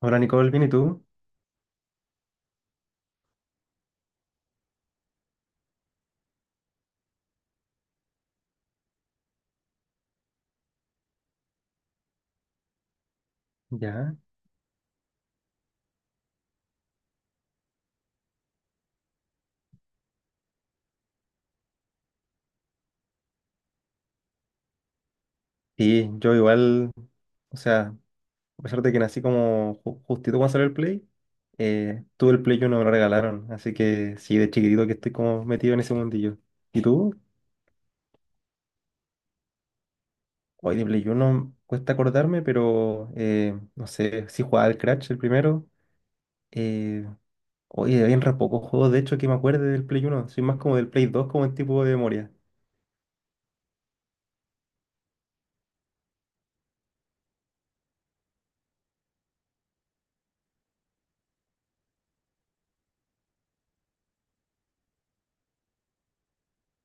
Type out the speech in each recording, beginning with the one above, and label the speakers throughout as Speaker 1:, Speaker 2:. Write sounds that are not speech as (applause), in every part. Speaker 1: Hola Nicole, ¿bien y tú? Ya. Sí, yo igual, o sea, a pesar de que nací como justito cuando salió el Play, tuve el Play uno me lo regalaron, así que sí, de chiquitito que estoy como metido en ese mundillo. ¿Y tú? Hoy de Play uno cuesta acordarme, pero no sé, sí jugaba al Crash el primero. Eh, oye, habían re pocos juegos, de hecho, que me acuerde del Play uno, soy más como del Play 2 como en tipo de memoria.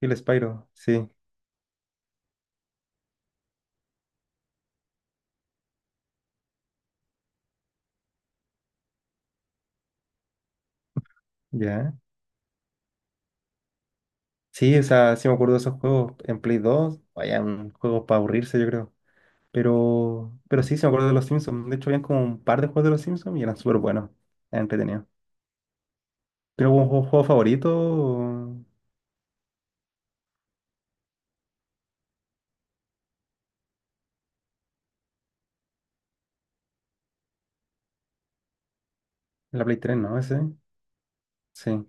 Speaker 1: Y el Spyro, sí. Ya. Sí, o sea, sí me acuerdo de esos juegos en Play 2. Vaya, un juego para aburrirse, yo creo. Pero sí, sí me acuerdo de los Simpsons. De hecho, habían como un par de juegos de los Simpsons y eran súper buenos. Eran entretenidos. ¿Tiene algún juego favorito? La Play 3, ¿no? Ese. Sí.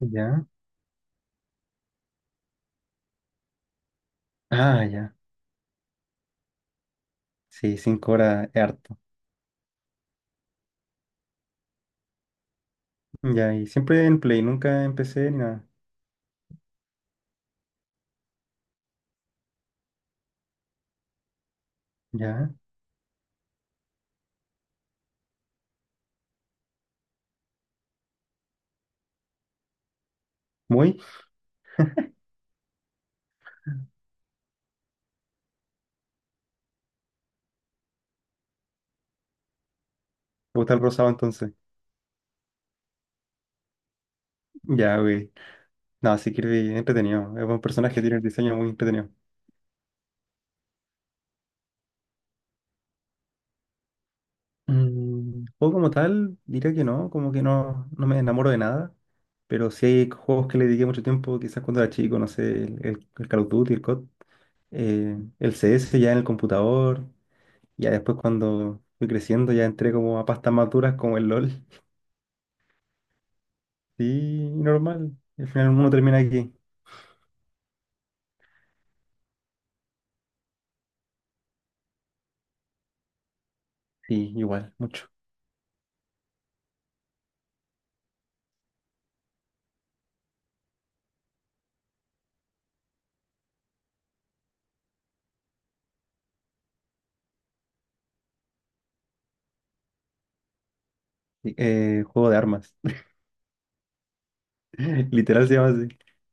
Speaker 1: Ya. Ah, ya. Sí, 5 horas es harto. Ya, y siempre en Play, nunca empecé ni nada. Ya. Muy. Me gusta el rosado entonces. Ya, güey. No, sí, Kirby, entretenido. Es un personaje, que tiene el diseño muy entretenido. Juego como tal, diría que no, como que no, no me enamoro de nada, pero sí hay juegos que le dediqué mucho tiempo, quizás cuando era chico, no sé, el Call of Duty, el COD, el CS ya en el computador, ya después cuando fui creciendo ya entré como a pastas maduras como el LOL, sí, normal, al final uno termina aquí, sí, igual, mucho. Sí, juego de armas, (laughs) literal se llama así,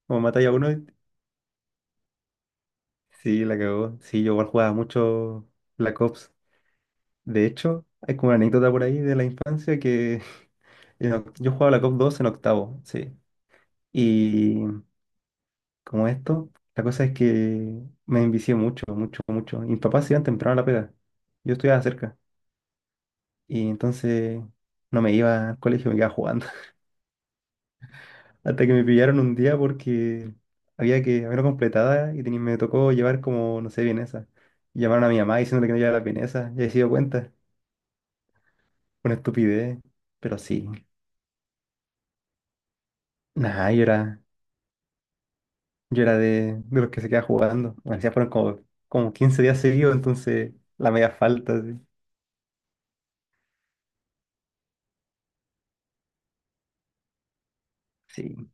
Speaker 1: como matáis a uno, sí, la cagó, sí, yo igual jugaba mucho Black Ops. De hecho, hay como una anécdota por ahí de la infancia que (laughs) yo jugaba la COP 2 en octavo, sí. Y como esto, la cosa es que me envicié mucho, mucho, mucho. Y mis papás se iban temprano a la pega. Yo estudiaba cerca. Y entonces no me iba al colegio, me quedaba jugando. (laughs) Hasta que me pillaron un día porque había que haberlo completada y me tocó llevar como, no sé, vienesa. Y llamaron a mi mamá diciéndole que no llevaba las vienesas. Y ahí se dio cuenta. Una estupidez. Pero sí. Nada, yo era. Yo era de, los que se queda jugando. Me decía, fueron como 15 días seguidos, entonces la media falta. Sí. Sí,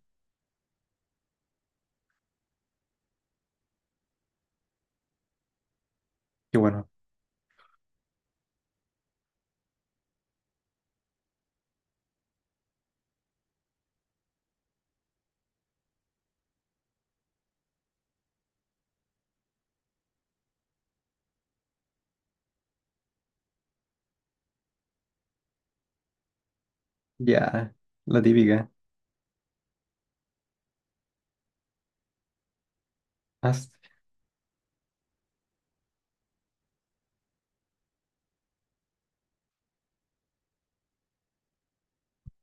Speaker 1: y bueno, ya, la típica. As-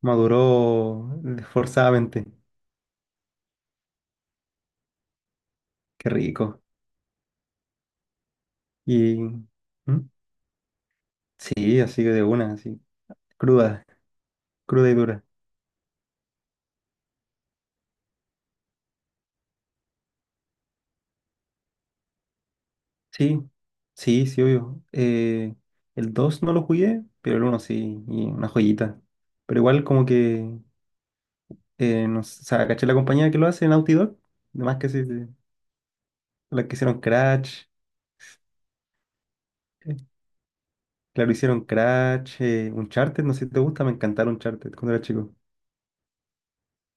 Speaker 1: Maduró forzadamente. Qué rico. Y ¿mm? Sí, así que de una, así. Cruda, cruda y dura. Sí, sí, sí, obvio. El 2 no lo jugué, pero el uno sí, y una joyita. Pero igual como que, no sé, o sea, caché la compañía que lo hace, Naughty Dog. Además que sí, sí. Las que hicieron Crash. eh, Claro, hicieron Crash, Uncharted, no sé si te gusta, me encantaron Uncharted cuando era chico.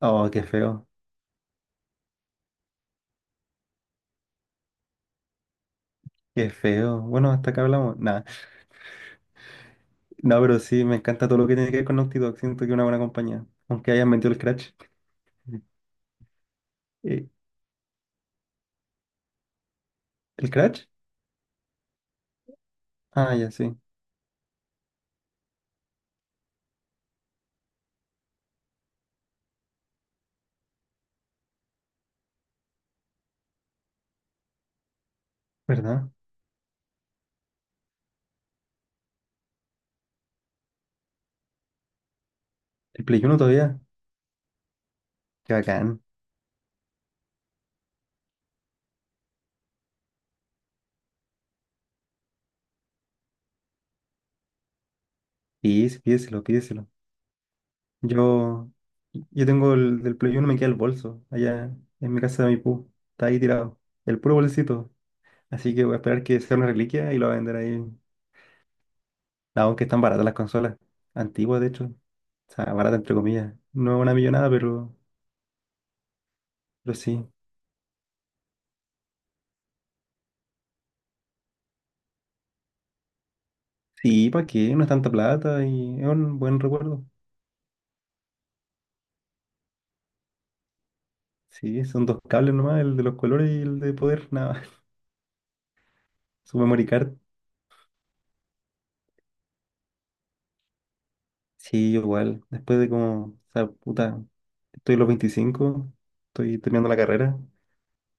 Speaker 1: Oh, qué feo, qué feo. Bueno, hasta acá hablamos. Nada, no, pero sí, me encanta todo lo que tiene que ver con Naughty Dog. Siento que es una buena compañía, aunque hayan metido el Crash. Eh, ¿El Crash? Ah, ya sí, ¿verdad? ¿El Play Uno todavía? Qué bacán. Sí, sí, pídeselo, pídeselo. Yo, yo tengo el del Play Uno me queda el bolso, allá en mi casa de mi pu. Está ahí tirado. El puro bolsito. Así que voy a esperar que sea una reliquia y lo voy a vender ahí. Aunque están baratas las consolas. Antiguas, de hecho. O sea, barata entre comillas. No una millonada, pero sí. Sí, ¿para qué? No es tanta plata y es un buen recuerdo. Sí, son dos cables nomás, el de los colores y el de poder, nada más. (laughs) Su memory card. Sí, yo igual. Después de como, o sea, puta, estoy a los 25, estoy terminando la carrera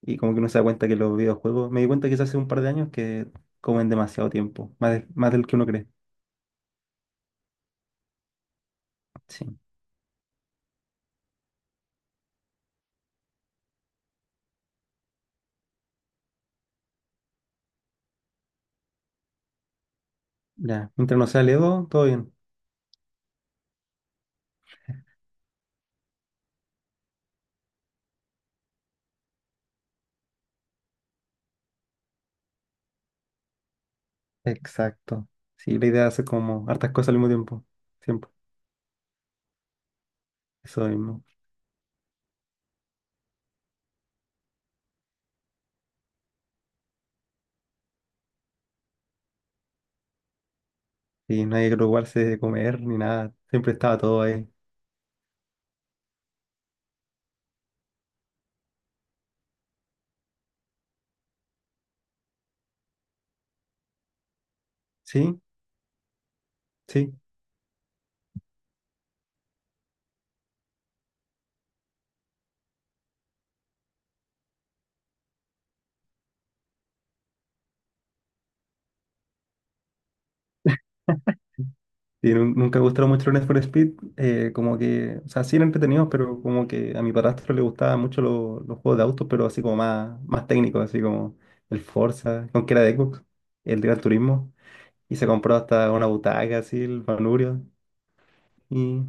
Speaker 1: y como que uno se da cuenta que los videojuegos, me di cuenta quizás hace un par de años que comen demasiado tiempo, más, más del que uno cree. Sí. Ya, mientras no sea Ledo, todo bien. Exacto. Sí, la idea es hacer como hartas cosas al mismo tiempo. Siempre. Eso mismo. Y no hay que preocuparse de comer ni nada. Siempre estaba todo ahí. Sí, sí. Y nunca me gustaron mucho los Need for Speed. Como que, o sea, sí eran entretenidos, pero como que a mi padrastro le gustaban mucho los juegos de autos, pero así como más, más técnicos, así como el Forza, con que era de Xbox, el Gran Turismo. Y se compró hasta una butaca, así, el Vanurio. Y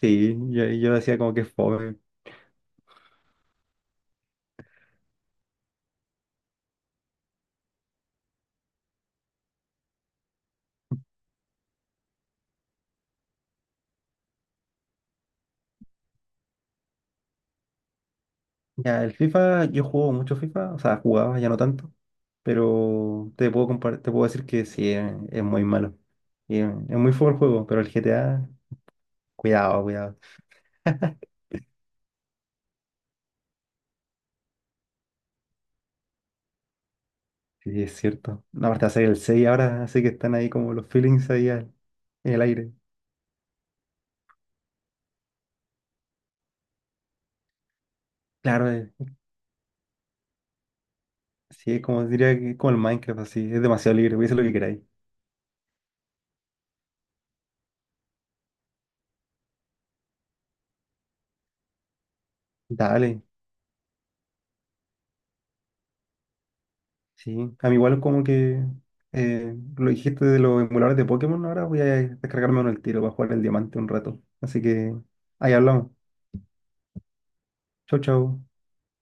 Speaker 1: sí, yo decía como que fue. Ya, el FIFA, yo juego mucho FIFA, o sea, jugaba ya no tanto, pero te puedo te puedo decir que sí, es muy malo. Y, es muy feo el juego, pero el GTA, cuidado, cuidado. (laughs) Sí, es cierto. No, aparte va a salir el 6 ahora, así que están ahí como los feelings ahí en el aire. Claro, sí, es como diría que es como el Minecraft, así, es demasiado libre, voy a hacer lo que queráis. Dale. Sí, a mí igual como que lo dijiste de los emuladores de Pokémon, ahora voy a descargarme uno el tiro para jugar el diamante un rato. Así que ahí hablamos. Chau, chau.